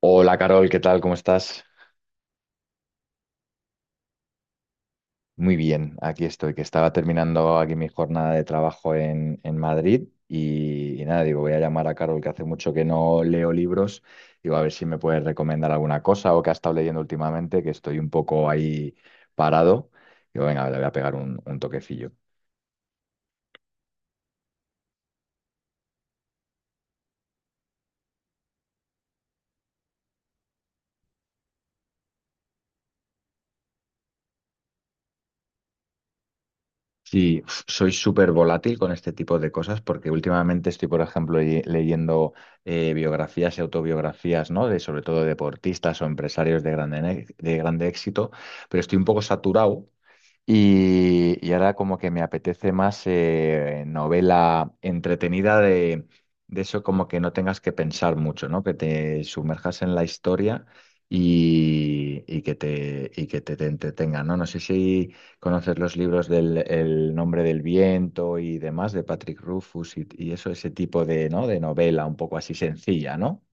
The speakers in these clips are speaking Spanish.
Hola Carol, ¿qué tal? ¿Cómo estás? Muy bien, aquí estoy, que estaba terminando aquí mi jornada de trabajo en Madrid y nada, digo, voy a llamar a Carol, que hace mucho que no leo libros, digo, a ver si me puedes recomendar alguna cosa o que ha estado leyendo últimamente, que estoy un poco ahí parado. Digo, venga, le voy a pegar un toquecillo. Sí, uf, soy súper volátil con este tipo de cosas porque últimamente estoy, por ejemplo, leyendo biografías y autobiografías, ¿no? De sobre todo deportistas o empresarios de de grande éxito, pero estoy un poco saturado y ahora como que me apetece más novela entretenida de eso como que no tengas que pensar mucho, ¿no? Que te sumerjas en la historia y y que te entretenga, ¿no? No sé si conoces los libros del El nombre del viento y demás de Patrick Rufus y eso, ese tipo de, ¿no? De novela un poco así sencilla, ¿no?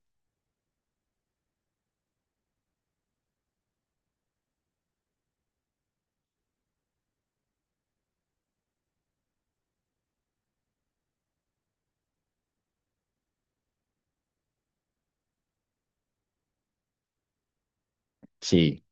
Sí.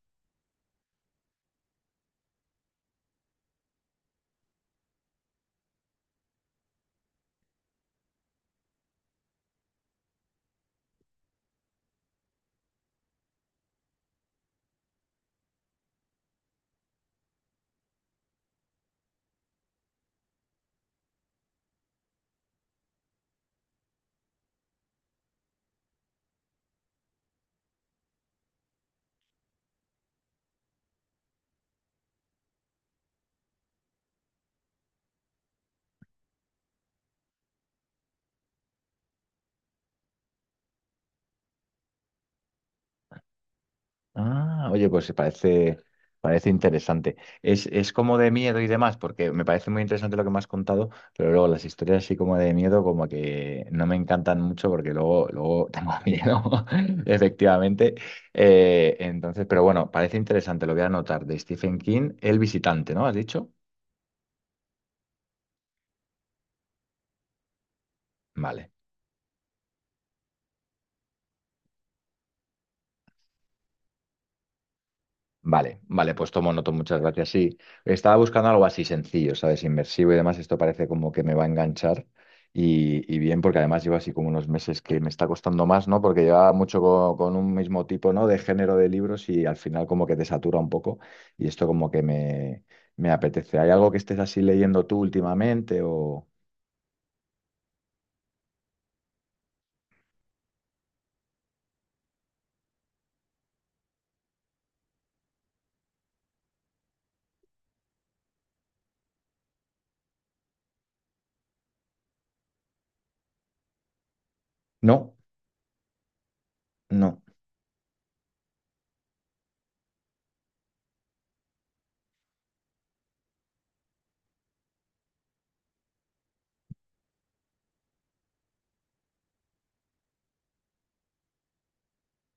Ah, oye, parece interesante. Es como de miedo y demás, porque me parece muy interesante lo que me has contado, pero luego las historias así como de miedo, como que no me encantan mucho porque luego tengo miedo, efectivamente. Entonces, pero bueno, parece interesante, lo voy a anotar, de Stephen King, El visitante, ¿no? ¿Has dicho? Vale. Vale, vale, pues tomo noto, muchas gracias. Sí, estaba buscando algo así sencillo, ¿sabes? Inmersivo y demás. Esto parece como que me va a enganchar y bien, porque además llevo así como unos meses que me está costando más, ¿no? Porque llevaba mucho un mismo tipo, ¿no? De género de libros y al final como que te satura un poco y esto como me apetece. ¿Hay algo que estés así leyendo tú últimamente o...? No, no.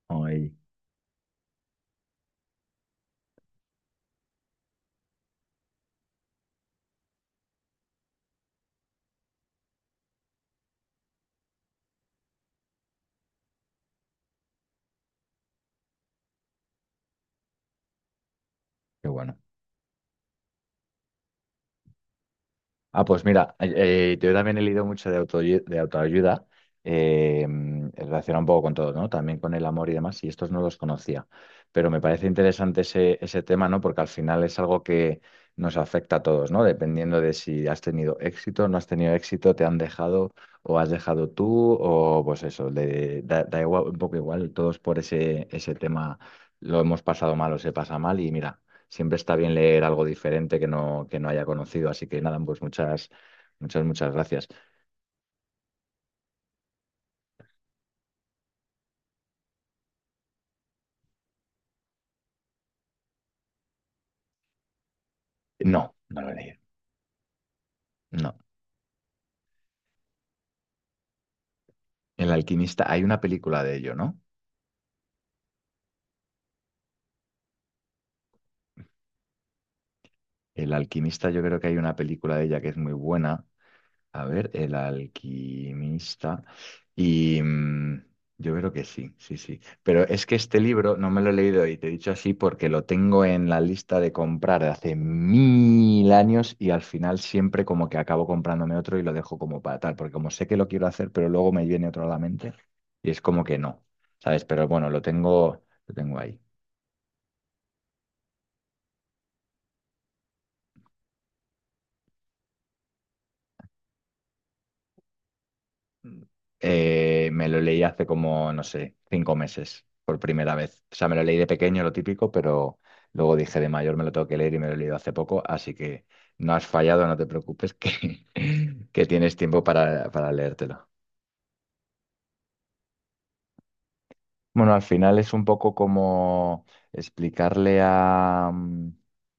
Ay, qué bueno. Ah, pues mira, yo también he leído mucho de de autoayuda, eh, relacionado un poco con todo, ¿no? También con el amor y demás, y estos no los conocía. Pero me parece interesante ese tema, ¿no? Porque al final es algo que nos afecta a todos, ¿no? Dependiendo de si has tenido éxito, no has tenido éxito, te han dejado o has dejado tú, o pues eso, da igual, un poco igual, todos por ese tema lo hemos pasado mal o se pasa mal, y mira siempre está bien leer algo diferente que no haya conocido. Así que nada, muchas gracias. No, no lo he leído. No. El alquimista, hay una película de ello, ¿no? El alquimista, yo creo que hay una película de ella que es muy buena. A ver, el alquimista. Y mm, yo creo que sí, sí, sí. Pero es que este libro no me lo he leído y te he dicho así porque lo tengo en la lista de comprar de hace mil años y al final siempre como que acabo comprándome otro y lo dejo como para tal, porque como sé que lo quiero hacer, pero luego me viene otro a la mente y es como que no, ¿sabes? Pero bueno, lo tengo ahí. Me lo leí hace como, no sé, 5 meses por primera vez. O sea, me lo leí de pequeño, lo típico, pero luego dije de mayor me lo tengo que leer y me lo he leído hace poco, así que no has fallado, no te preocupes, que que tienes tiempo para leértelo. Bueno, al final es un poco como explicarle a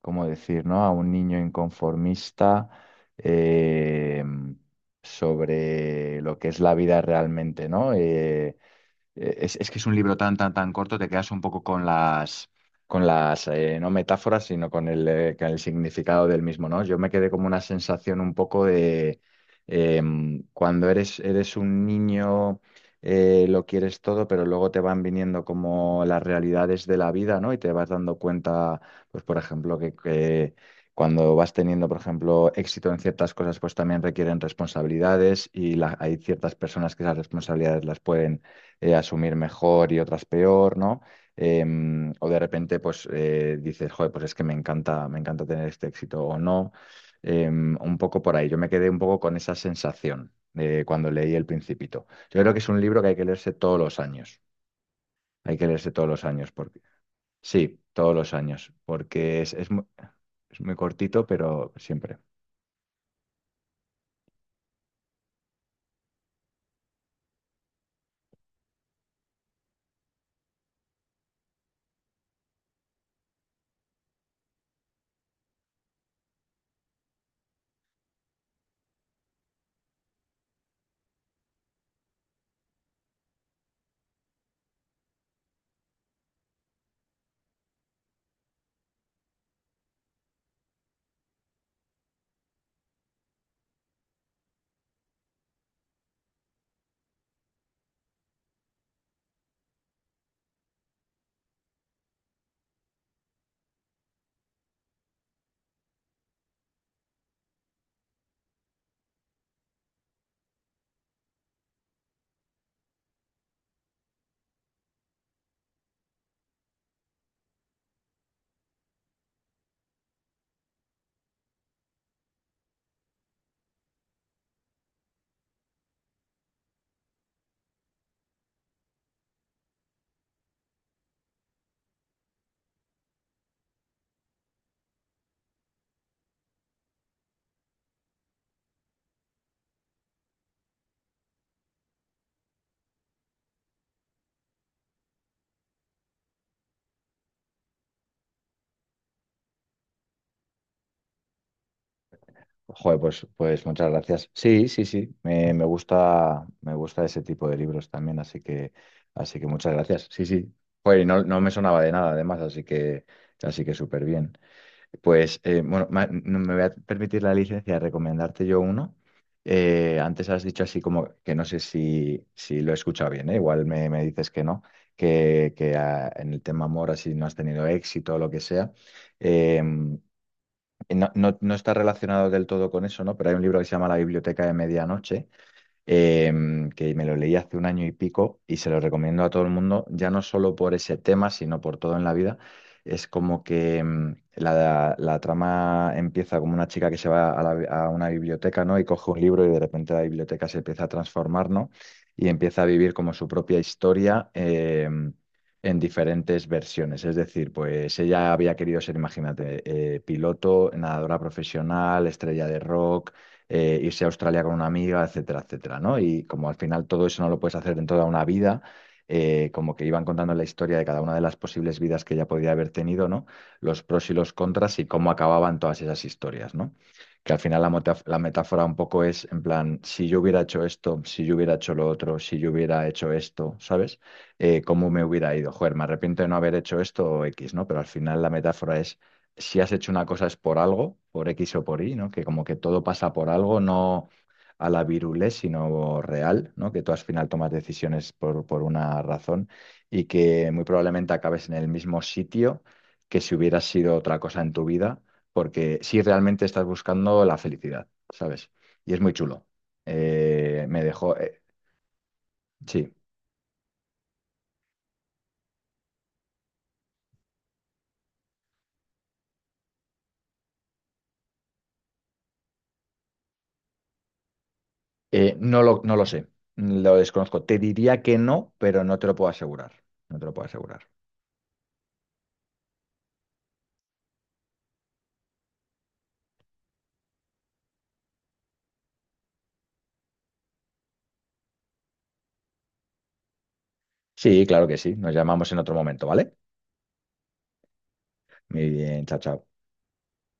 ¿cómo decir, no? A un niño inconformista eh, sobre lo que es la vida realmente, ¿no? Es que es un libro tan corto, te quedas un poco con no metáforas, sino con con el significado del mismo, ¿no? Yo me quedé como una sensación un poco de cuando eres un niño, lo quieres todo, pero luego te van viniendo como las realidades de la vida, ¿no? Y te vas dando cuenta, pues por ejemplo, que cuando vas teniendo, por ejemplo, éxito en ciertas cosas, pues también requieren responsabilidades y hay ciertas personas que esas responsabilidades las pueden, asumir mejor y otras peor, ¿no? O de repente, dices, joder, pues es que me encanta tener este éxito o no. Un poco por ahí. Yo me quedé un poco con esa sensación cuando leí El Principito. Yo creo que es un libro que hay que leerse todos los años. Hay que leerse todos los años porque sí, todos los años, porque es muy cortito, pero siempre. Joder, pues muchas gracias. Sí, sí, sí. Me gusta, ese tipo de libros también, así que muchas gracias. Sí, sí. Joder, y no me sonaba de nada, además, así que súper bien. Bueno, no me voy a permitir la licencia de recomendarte yo uno. Antes has dicho así como que no sé si lo he escuchado bien, ¿eh? Igual me dices que no, en el tema amor así no has tenido éxito o lo que sea. Eh, y no está relacionado del todo con eso, ¿no? Pero hay un libro que se llama La Biblioteca de Medianoche, eh, que me lo leí hace un año y pico y se lo recomiendo a todo el mundo, ya no solo por ese tema, sino por todo en la vida. Es como que mm, la trama empieza como una chica que se va a una biblioteca, ¿no? Y coge un libro y de repente la biblioteca se empieza a transformar, ¿no? Y empieza a vivir como su propia historia. En diferentes versiones, es decir, pues ella había querido ser, imagínate, piloto, nadadora profesional, estrella de rock, irse a Australia con una amiga, etcétera, etcétera, ¿no? Y como al final todo eso no lo puedes hacer en toda una vida, como que iban contando la historia de cada una de las posibles vidas que ella podía haber tenido, ¿no? Los pros y los contras y cómo acababan todas esas historias, ¿no? Que al final la metáfora un poco es en plan, si yo hubiera hecho esto, si yo hubiera hecho lo otro, si yo hubiera hecho esto, ¿sabes? ¿Cómo me hubiera ido? Joder, me arrepiento de no haber hecho esto o X, ¿no? Pero al final la metáfora es si has hecho una cosa es por algo, por X o por Y, ¿no? Que como que todo pasa por algo, no a la virulé, sino real, ¿no? Que tú al final tomas decisiones por una razón y que muy probablemente acabes en el mismo sitio que si hubieras sido otra cosa en tu vida, porque si realmente estás buscando la felicidad, ¿sabes? Y es muy chulo. Me dejó, sí. No lo sé, lo desconozco. Te diría que no, pero no te lo puedo asegurar. No te lo puedo asegurar. Sí, claro que sí. Nos llamamos en otro momento, ¿vale? Muy bien, chao, chao.